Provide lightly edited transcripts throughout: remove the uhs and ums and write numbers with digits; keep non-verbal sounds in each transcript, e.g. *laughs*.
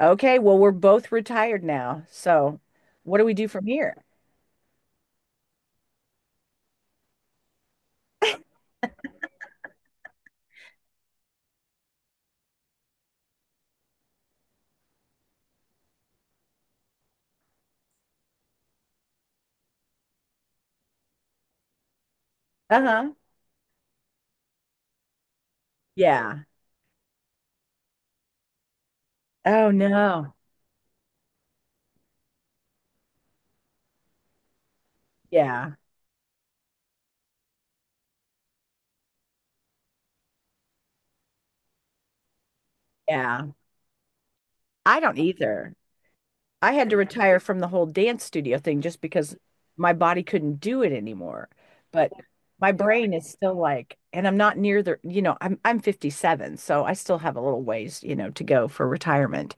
Okay, well, we're both retired now. So what do we do from here? Uh-huh. Yeah. Oh no. Yeah. Yeah. I don't either. I had to retire from the whole dance studio thing just because my body couldn't do it anymore. But my brain is still like, and I'm not near the, I'm 57, so I still have a little ways, to go for retirement.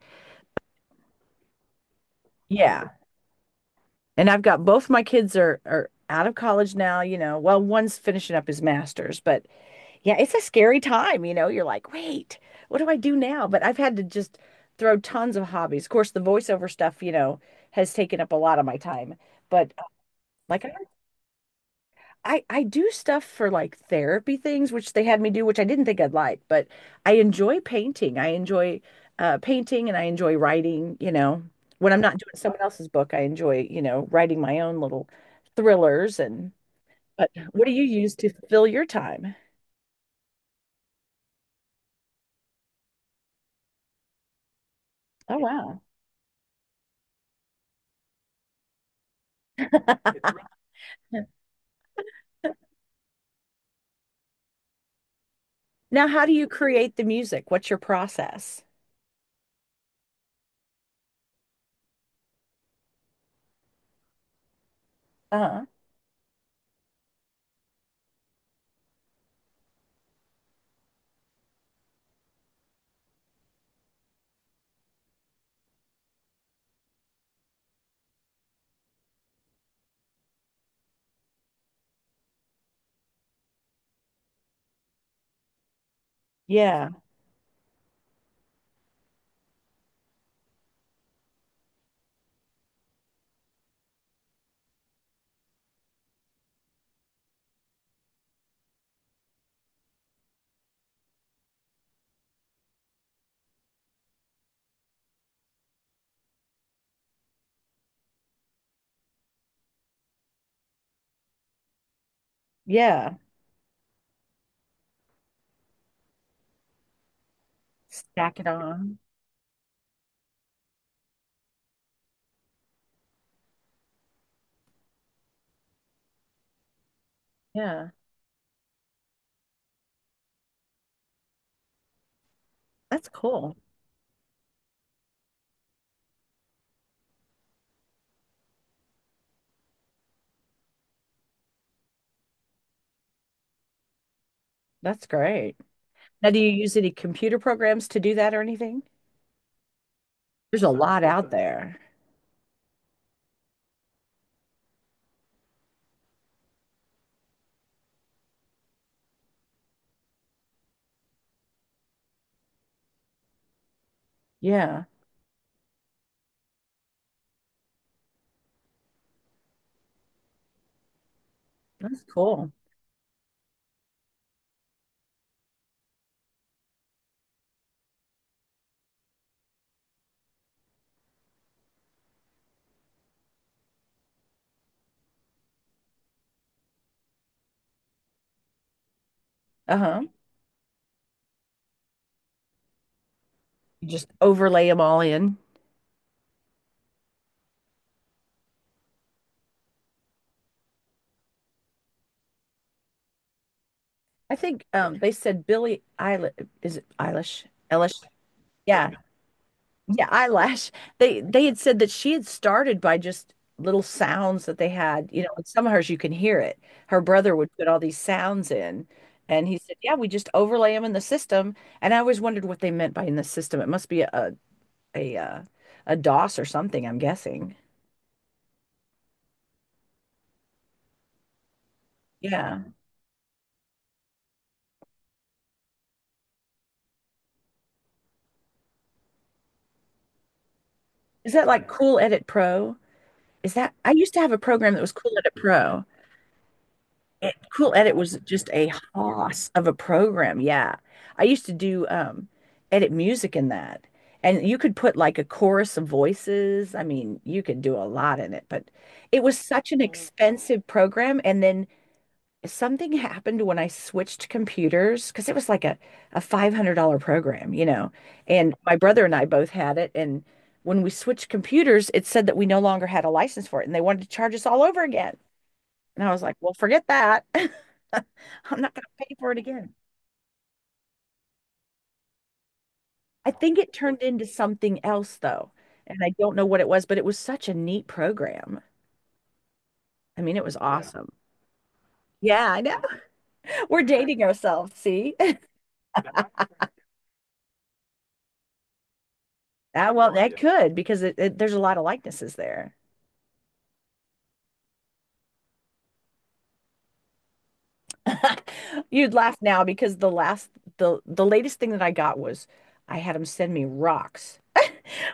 Yeah. And I've got both my kids are out of college now. Well, one's finishing up his master's, but yeah, it's a scary time, you know. You're like, wait, what do I do now? But I've had to just throw tons of hobbies. Of course, the voiceover stuff, has taken up a lot of my time. But like I do stuff for like therapy things, which they had me do, which I didn't think I'd like, but I enjoy painting. I enjoy painting, and I enjoy writing. When I'm not doing someone else's book, I enjoy, writing my own little thrillers. And but what do you use to fill your time? Oh, wow. Now, how do you create the music? What's your process? Uh-huh. Yeah. Yeah. Stack it on. Yeah, that's cool. That's great. Now, do you use any computer programs to do that or anything? There's a lot out there. Yeah. That's cool. Uh-huh. You just overlay them all in. I think they said Billie Eilish, is it Eilish? Eilish? Yeah. Yeah, eyelash. They had said that she had started by just little sounds that they had, and some of hers you can hear it. Her brother would put all these sounds in, and he said, "Yeah, we just overlay them in the system." And I always wondered what they meant by in the system. It must be a, uh, a DOS or something, I'm guessing. Yeah. Is that like Cool Edit Pro? Is that I used to have a program that was Cool Edit Pro. Cool Edit was just a hoss of a program. Yeah. I used to do edit music in that. And you could put like a chorus of voices. I mean, you could do a lot in it, but it was such an expensive program. And then something happened when I switched computers because it was like a $500 program. And my brother and I both had it. And when we switched computers, it said that we no longer had a license for it, and they wanted to charge us all over again. And I was like, well, forget that. *laughs* I'm not going to pay for it again. I think it turned into something else though. And I don't know what it was, but it was such a neat program. I mean, it was, yeah, awesome. Yeah, I know. *laughs* We're dating ourselves. See? *laughs* Ah, well, that, yeah, could, because there's a lot of likenesses there. *laughs* You'd laugh now because the latest thing that I got was I had them send me rocks.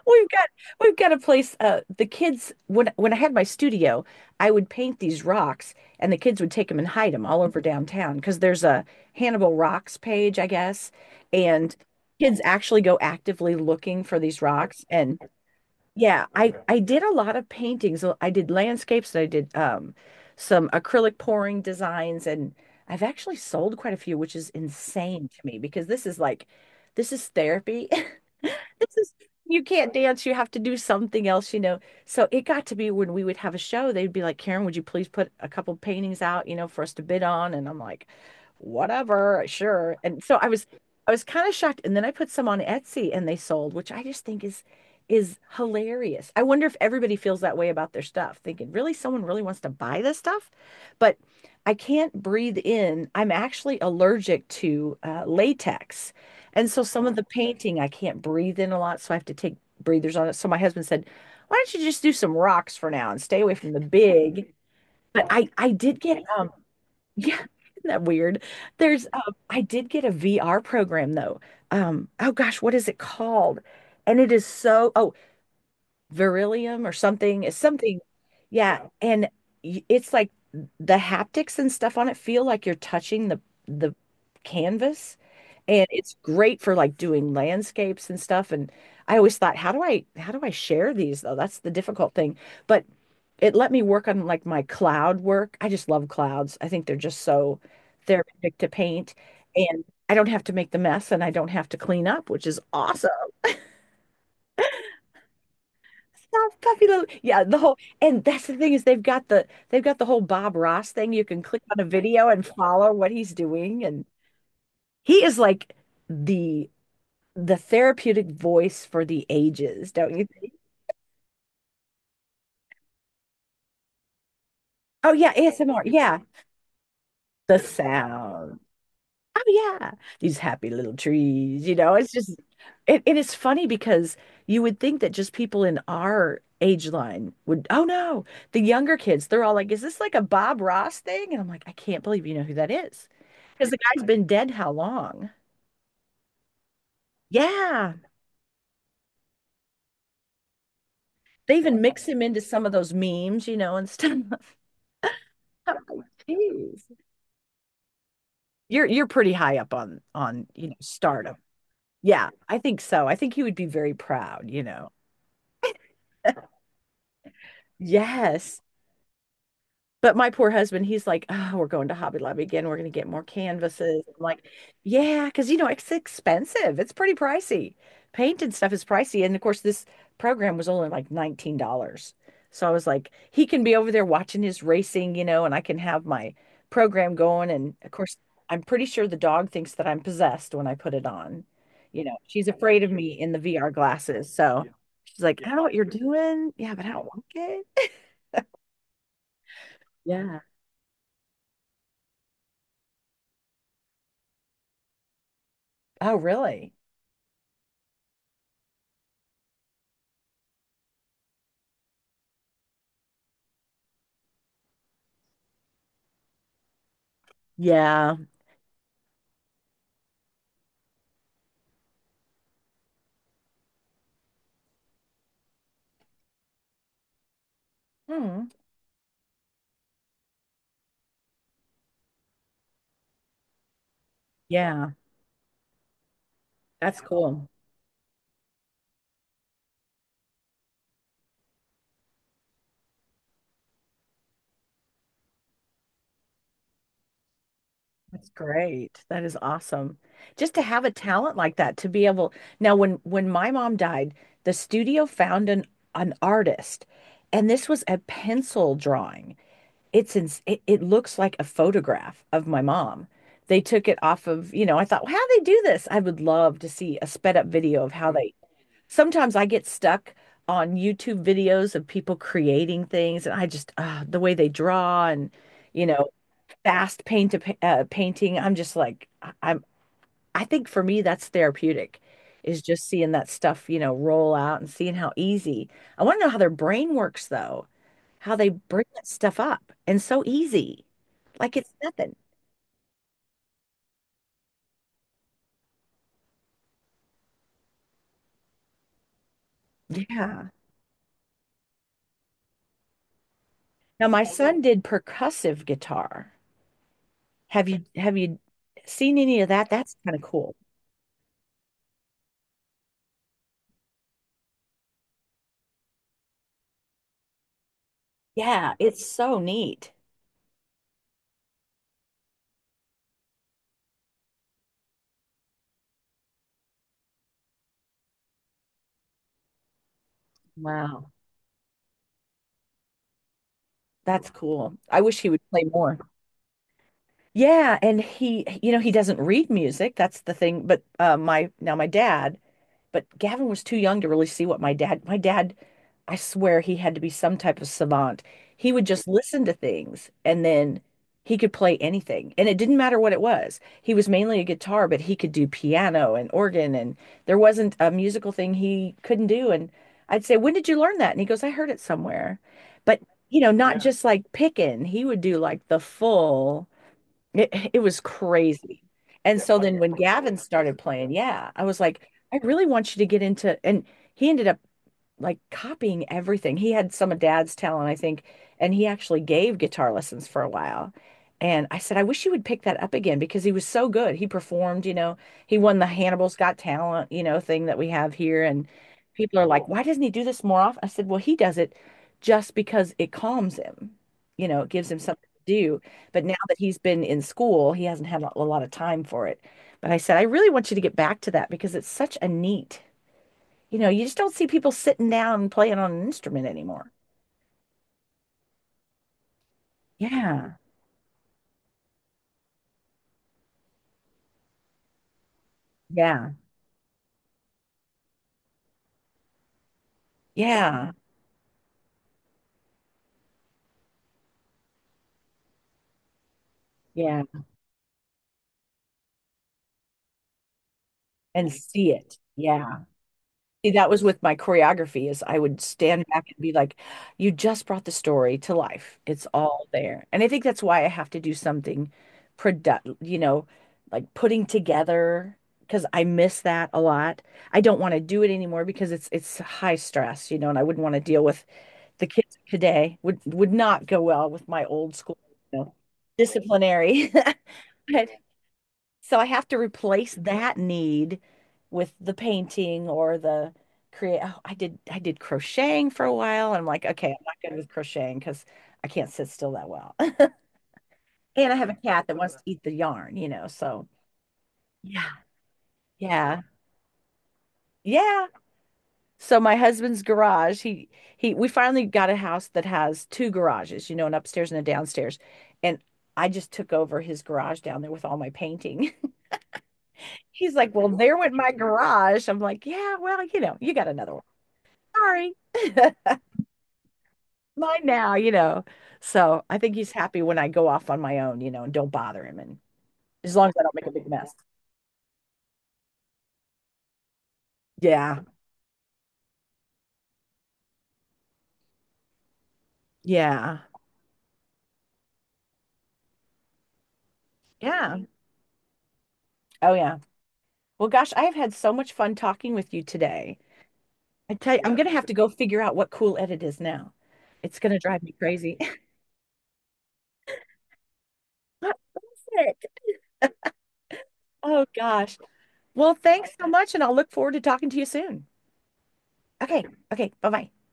We've got we've got a place the kids when I had my studio, I would paint these rocks, and the kids would take them and hide them all over downtown because there's a Hannibal Rocks page, I guess, and kids actually go actively looking for these rocks. And yeah, I did a lot of paintings. I did landscapes, and I did some acrylic pouring designs. And I've actually sold quite a few, which is insane to me because this is like this is therapy. This is you can't dance, you have to do something else, you know. So it got to be when we would have a show, they'd be like, "Karen, would you please put a couple paintings out, for us to bid on?" And I'm like, whatever, sure. And so I was kind of shocked. And then I put some on Etsy, and they sold, which I just think is hilarious. I wonder if everybody feels that way about their stuff, thinking, really, someone really wants to buy this stuff? But I can't breathe in. I'm actually allergic to latex. And so some of the painting, I can't breathe in a lot, so I have to take breathers on it. So my husband said, "Why don't you just do some rocks for now and stay away from the big?" But I did get yeah, *laughs* isn't that weird? There's I did get a VR program though. Oh gosh, what is it called? And it is so oh, Beryllium or something. It's something. Yeah, yeah. And it's like the haptics and stuff on it feel like you're touching the canvas, and it's great for like doing landscapes and stuff. And I always thought, how do I share these though? That's the difficult thing. But it let me work on like my cloud work. I just love clouds. I think they're just so therapeutic to paint, and I don't have to make the mess, and I don't have to clean up, which is awesome. Stop puppy love. Yeah, the whole, and that's the thing is they've got the whole Bob Ross thing. You can click on a video and follow what he's doing. And he is like the the therapeutic voice for the ages, don't you think? Oh yeah, ASMR. Yeah. The sound. Oh yeah, these happy little trees, you know, it's just it, and it's funny because you would think that just people in our age line would, oh no, the younger kids, they're all like, is this like a Bob Ross thing? And I'm like, I can't believe you know who that is. Because the guy's been dead how long? Yeah. They even mix him into some of those memes, and stuff. *laughs* I'm like, jeez. You're pretty high up on, stardom. Yeah, I think so. I think he would be very proud. Yes. But my poor husband, he's like, oh, we're going to Hobby Lobby again. We're going to get more canvases. I'm like, yeah, because it's expensive. It's pretty pricey. Paint and stuff is pricey. And of course, this program was only like $19. So I was like, he can be over there watching his racing, and I can have my program going. And of course, I'm pretty sure the dog thinks that I'm possessed when I put it on. You know, she's afraid of me in the VR glasses. So yeah, she's like, yeah, I don't know what you're doing. Yeah, but I don't like it. Yeah. Oh, really? Yeah. Hmm. Yeah. That's, yeah, cool. That's great. That is awesome. Just to have a talent like that, to be able. Now when my mom died, the studio found an artist, and this was a pencil drawing. It's it looks like a photograph of my mom. They took it off of, you know, I thought, well, how do they do this? I would love to see a sped up video of how. Mm. They. Sometimes I get stuck on YouTube videos of people creating things, and I just the way they draw, and you know fast paint to painting. I'm just like I'm. I think for me that's therapeutic, is just seeing that stuff roll out and seeing how easy. I want to know how their brain works though, how they bring that stuff up and so easy, like it's nothing. Yeah. Now my son did percussive guitar. Have you seen any of that? That's kind of cool. Yeah, it's so neat. Wow. That's cool. I wish he would play more. Yeah, and he, he doesn't read music. That's the thing. But my now my dad. But Gavin was too young to really see what my dad, I swear he had to be some type of savant. He would just listen to things, and then he could play anything. And it didn't matter what it was. He was mainly a guitar, but he could do piano and organ. And there wasn't a musical thing he couldn't do. And I'd say, "When did you learn that?" And he goes, "I heard it somewhere." But, not just like picking, he would do like the full. It was crazy. And so then when Gavin started playing, yeah, I was like, I really want you to get into, and he ended up like copying everything. He had some of dad's talent, I think, and he actually gave guitar lessons for a while. And I said, I wish you would pick that up again because he was so good. He performed, he won the Hannibal's Got Talent, thing that we have here. And people are like, cool, why doesn't he do this more often? I said, well, he does it just because it calms him, it gives him something to do. But now that he's been in school, he hasn't had a lot of time for it. But I said, I really want you to get back to that because it's such a neat you just don't see people sitting down and playing on an instrument anymore. Yeah. Yeah. Yeah. Yeah. And see it. Yeah. See, that was with my choreography is I would stand back and be like, you just brought the story to life. It's all there. And I think that's why I have to do something product, like putting together because I miss that a lot. I don't want to do it anymore because it's high stress, and I wouldn't want to deal with the kids today would not go well with my old school, you know, disciplinary. *laughs* So I have to replace that need with the painting or the create. Oh, I did crocheting for a while. And I'm like, okay, I'm not good with crocheting because I can't sit still that well. *laughs* And I have a cat that wants to eat the yarn. So yeah, yeah, yeah. So my husband's garage, he we finally got a house that has two garages, an upstairs and a downstairs. And I just took over his garage down there with all my painting. *laughs* He's like, "Well, there went my garage." I'm like, "Yeah, well, you know, you got another one. Sorry. *laughs* Mine now, you know." So, I think he's happy when I go off on my own, and don't bother him, and as long as I don't make a big mess. Yeah. Yeah. Yeah. Oh yeah. Well, gosh, I have had so much fun talking with you today. I tell you, I'm, yeah, gonna have to go figure out what cool edit is now. It's gonna drive me crazy. *laughs* That's it. Oh gosh. Well, thanks so much, and I'll look forward to talking to you soon. Okay. Okay. Bye bye.